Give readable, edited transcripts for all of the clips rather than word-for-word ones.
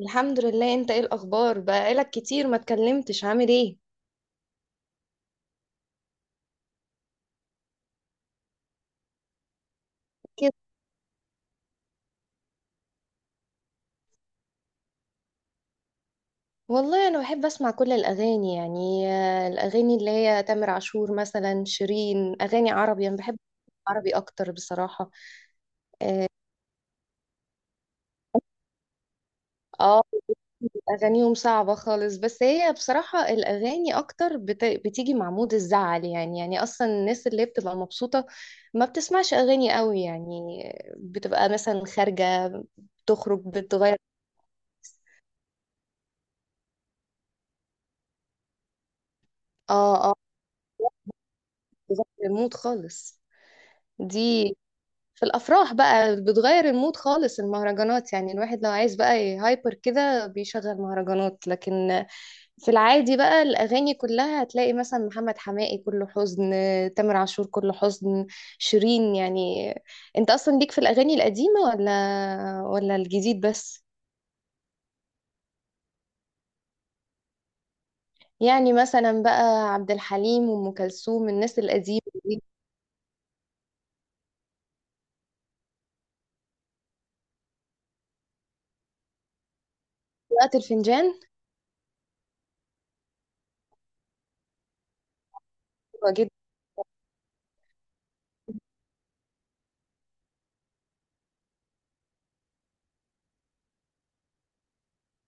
الحمد لله، انت ايه الاخبار؟ بقالك كتير ما اتكلمتش، عامل ايه؟ كده. والله انا بحب اسمع كل الاغاني، يعني الاغاني اللي هي تامر عاشور مثلا، شيرين، اغاني عربي انا بحب. عربي اكتر بصراحة. اه. آه، اغانيهم صعبة خالص، بس هي بصراحة الاغاني اكتر بتيجي مع مود الزعل، يعني اصلا الناس اللي بتبقى مبسوطة ما بتسمعش اغاني قوي يعني، بتبقى مثلا خارجة، بتخرج بتغير. اه آه. بتغير المود خالص دي. في الافراح بقى بتغير المود خالص، المهرجانات يعني الواحد لو عايز بقى هايبر كده بيشغل مهرجانات، لكن في العادي بقى الاغاني كلها هتلاقي مثلا محمد حماقي كله حزن، تامر عاشور كله حزن، شيرين يعني. انت اصلا ليك في الاغاني القديمة ولا الجديد بس؟ يعني مثلا بقى عبد الحليم وام كلثوم الناس القديمة دي. وقت الفنجان. حلوة جدا.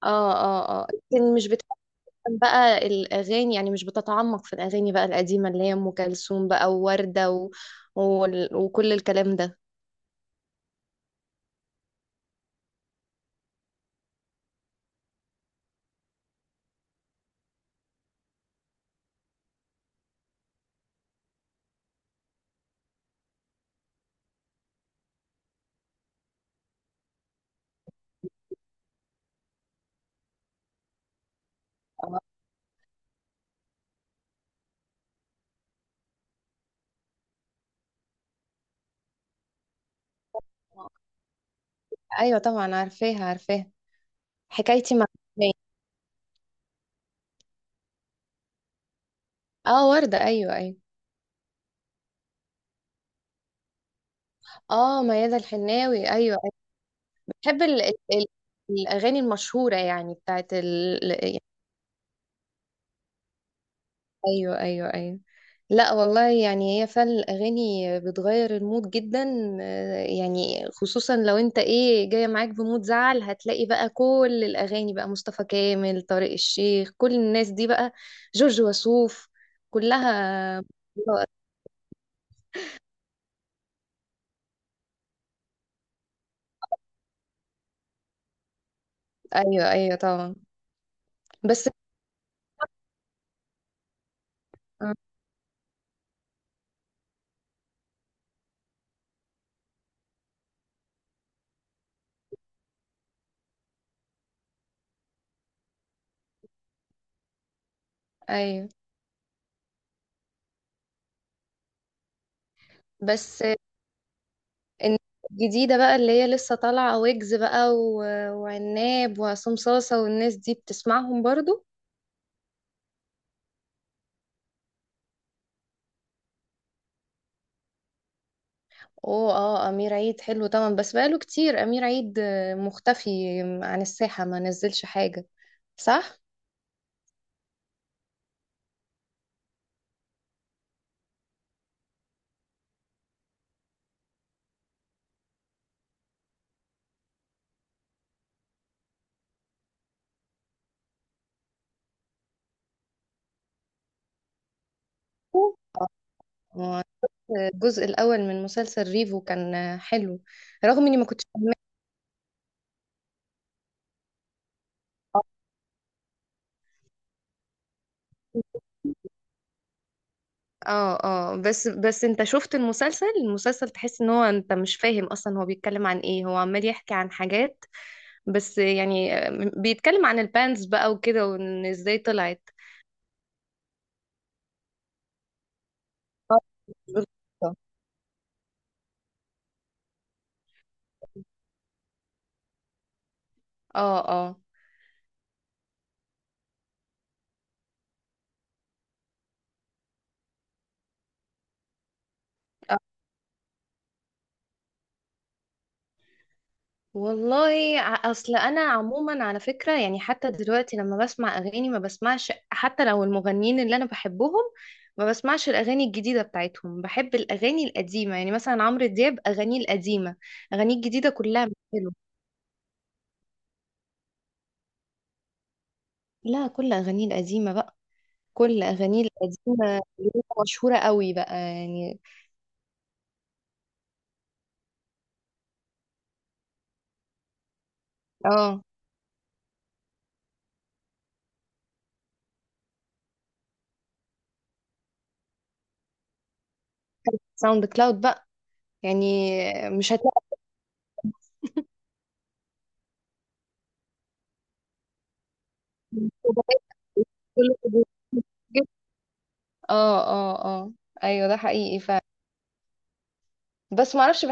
اه اه اه. لكن مش بتحب بقى الأغاني، يعني مش بتتعمق في الأغاني بقى القديمة اللي هي أم كلثوم بقى ووردة وكل الكلام ده. آه، أيوة طبعا، عارفاها عارفاها. حكايتي مع الحناوي. اه وردة، أيوة أيوة. اه ميادة الحناوي، أيوة أيوة. بحب الأغاني المشهورة، يعني بتاعت. ايوه ايوه ايوه. لا والله، يعني هي فعلا الاغاني بتغير المود جدا، يعني خصوصا لو انت ايه جايه معاك بمود زعل، هتلاقي بقى كل الاغاني بقى مصطفى كامل، طارق الشيخ، كل الناس دي بقى، جورج وسوف، كلها. ايوه ايوه طبعا. بس آه، ايوه بس إن- الجديده بقى اللي هي لسه طالعه، ويجز بقى وعناب وعصام صاصه والناس دي بتسمعهم برضو. اوه، اه، امير عيد حلو طبعا، بس بقاله كتير امير عيد مختفي عن الساحة، ما نزلش حاجة. صح؟ آه، الجزء الاول من مسلسل ريفو كان حلو. رغم اني ما كنتش، اه بس انت شفت المسلسل تحس ان هو انت مش فاهم اصلا هو بيتكلم عن ايه، هو عمال يحكي عن حاجات بس، يعني بيتكلم عن البانز بقى وكده، وان ازاي طلعت. آه، بالظبط. اه اه. والله اصل انا عموما على فكره يعني حتى دلوقتي لما بسمع اغاني ما بسمعش، حتى لو المغنيين اللي انا بحبهم ما بسمعش الاغاني الجديده بتاعتهم، بحب الاغاني القديمه، يعني مثلا عمرو دياب اغانيه القديمه، اغانيه الجديده كلها مش حلوه. لا كل اغانيه القديمه بقى، كل اغانيه القديمه اللي هي مشهوره قوي بقى يعني. اه، ساوند كلاود بقى يعني، مش هتلاقي. كل- اه اه اه. ايوه، ده حقيقي فعلا. بس معرفش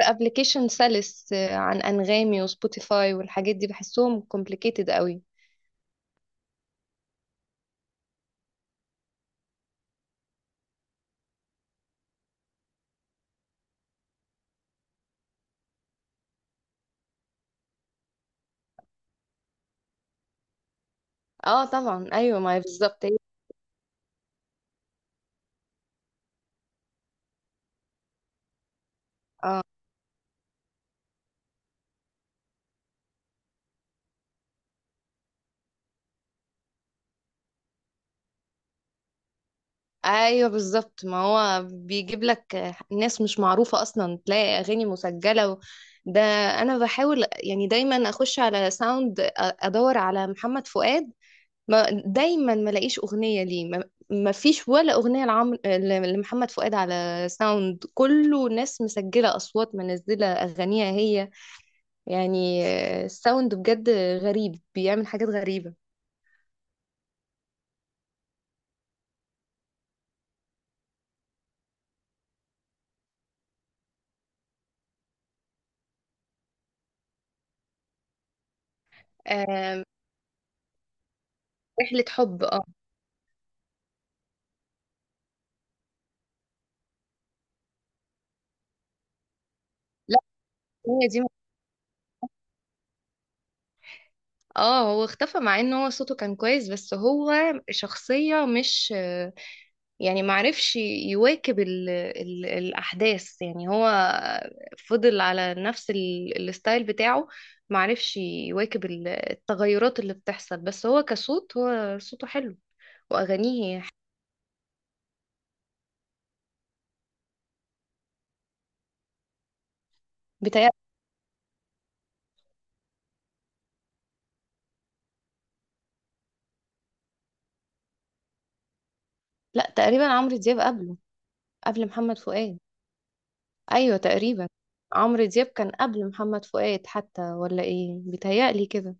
ابلكيشن سلس عن انغامي وسبوتيفاي والحاجات دي، بحسهم كومبليكيتد قوي. اه طبعا، ايوه، ما هي بالظبط ايوه بالظبط. ما هو بيجيب لك ناس مش معروفه اصلا، تلاقي اغاني مسجله ده انا بحاول يعني دايما اخش على ساوند ادور على محمد فؤاد، ما دايما ما لاقيش اغنيه ليه. ما فيش ولا اغنيه لمحمد فؤاد على ساوند، كله ناس مسجله اصوات منزله اغانيها هي، يعني الساوند بجد غريب بيعمل حاجات غريبة. آم، رحلة حب، اه. لا، هي دي. اه هو اختفى مع ان هو صوته كان كويس، بس هو شخصية مش يعني معرفش يواكب ال الأحداث يعني، هو فضل على نفس الستايل بتاعه، معرفش يواكب التغيرات اللي بتحصل، بس هو كصوت هو صوته حلو وأغانيه بتاع. لا تقريبا عمرو دياب قبله، قبل محمد فؤاد. ايوه تقريبا، عمرو دياب كان قبل محمد فؤاد حتى، ولا ايه؟ بيتهيألي كده.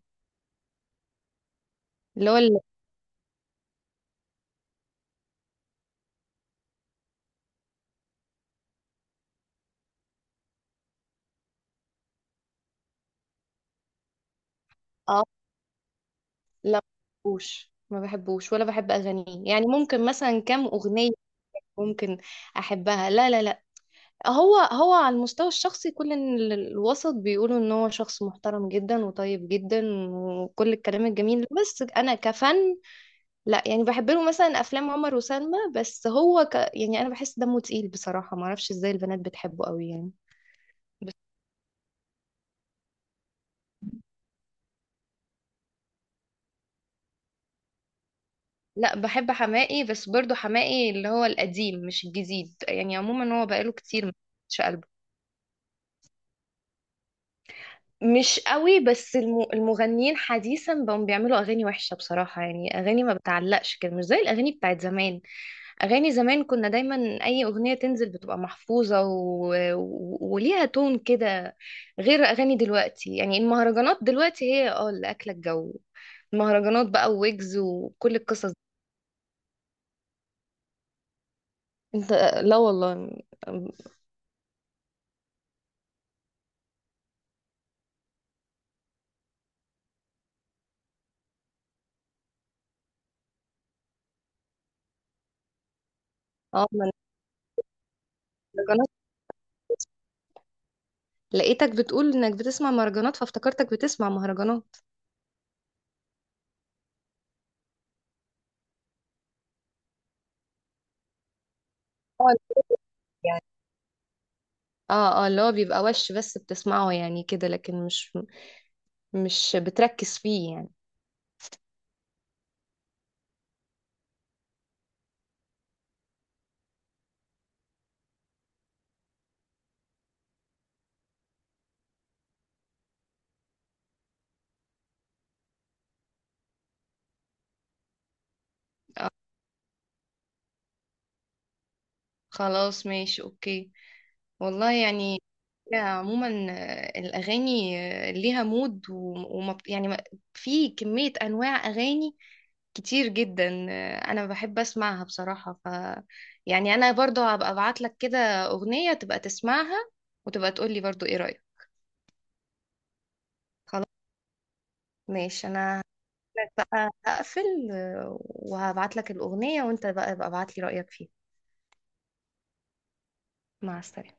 اللي هو اه. لا، ما بحبوش ما بحبوش، ولا بحب اغانيه يعني، ممكن مثلا كام اغنيه ممكن احبها. لا لا لا. هو على المستوى الشخصي كل الوسط بيقولوا ان هو شخص محترم جدا وطيب جدا وكل الكلام الجميل ده. بس انا كفن. لا يعني بحب له مثلا افلام عمر وسلمى، بس هو يعني انا بحس دمه تقيل بصراحه، ما اعرفش ازاي البنات بتحبه قوي يعني. لا بحب حماقي، بس برضو حماقي اللي هو القديم مش الجديد، يعني عموما هو بقاله كتير ما مش قلبه مش قوي، بس المغنيين حديثا بقوا بيعملوا اغاني وحشه بصراحه، يعني اغاني ما بتعلقش كده، مش زي الاغاني بتاعت زمان، اغاني زمان كنا دايما اي اغنيه تنزل بتبقى محفوظه وليها تون كده، غير اغاني دلوقتي يعني. المهرجانات دلوقتي هي اللي اكله الجو، المهرجانات بقى، ويجز، وكل القصص دي. انت؟ لا والله. اه ما لقيتك بتقول انك بتسمع مهرجانات فافتكرتك بتسمع مهرجانات. اه يعني اه اللي هو بيبقى وش بس بتسمعه يعني كده، لكن مش بتركز فيه يعني. خلاص ماشي اوكي. والله يعني هي عموما الاغاني ليها مود وما يعني في كمية انواع اغاني كتير جدا، انا بحب اسمعها بصراحة. يعني انا برضو هبقى ابعت لك كده اغنية تبقى تسمعها وتبقى تقولي برضو ايه رأيك. ماشي. انا هقولك بقى هقفل وهبعت لك الاغنيه وانت بقى ابعت لي رايك فيها. مع السلامه.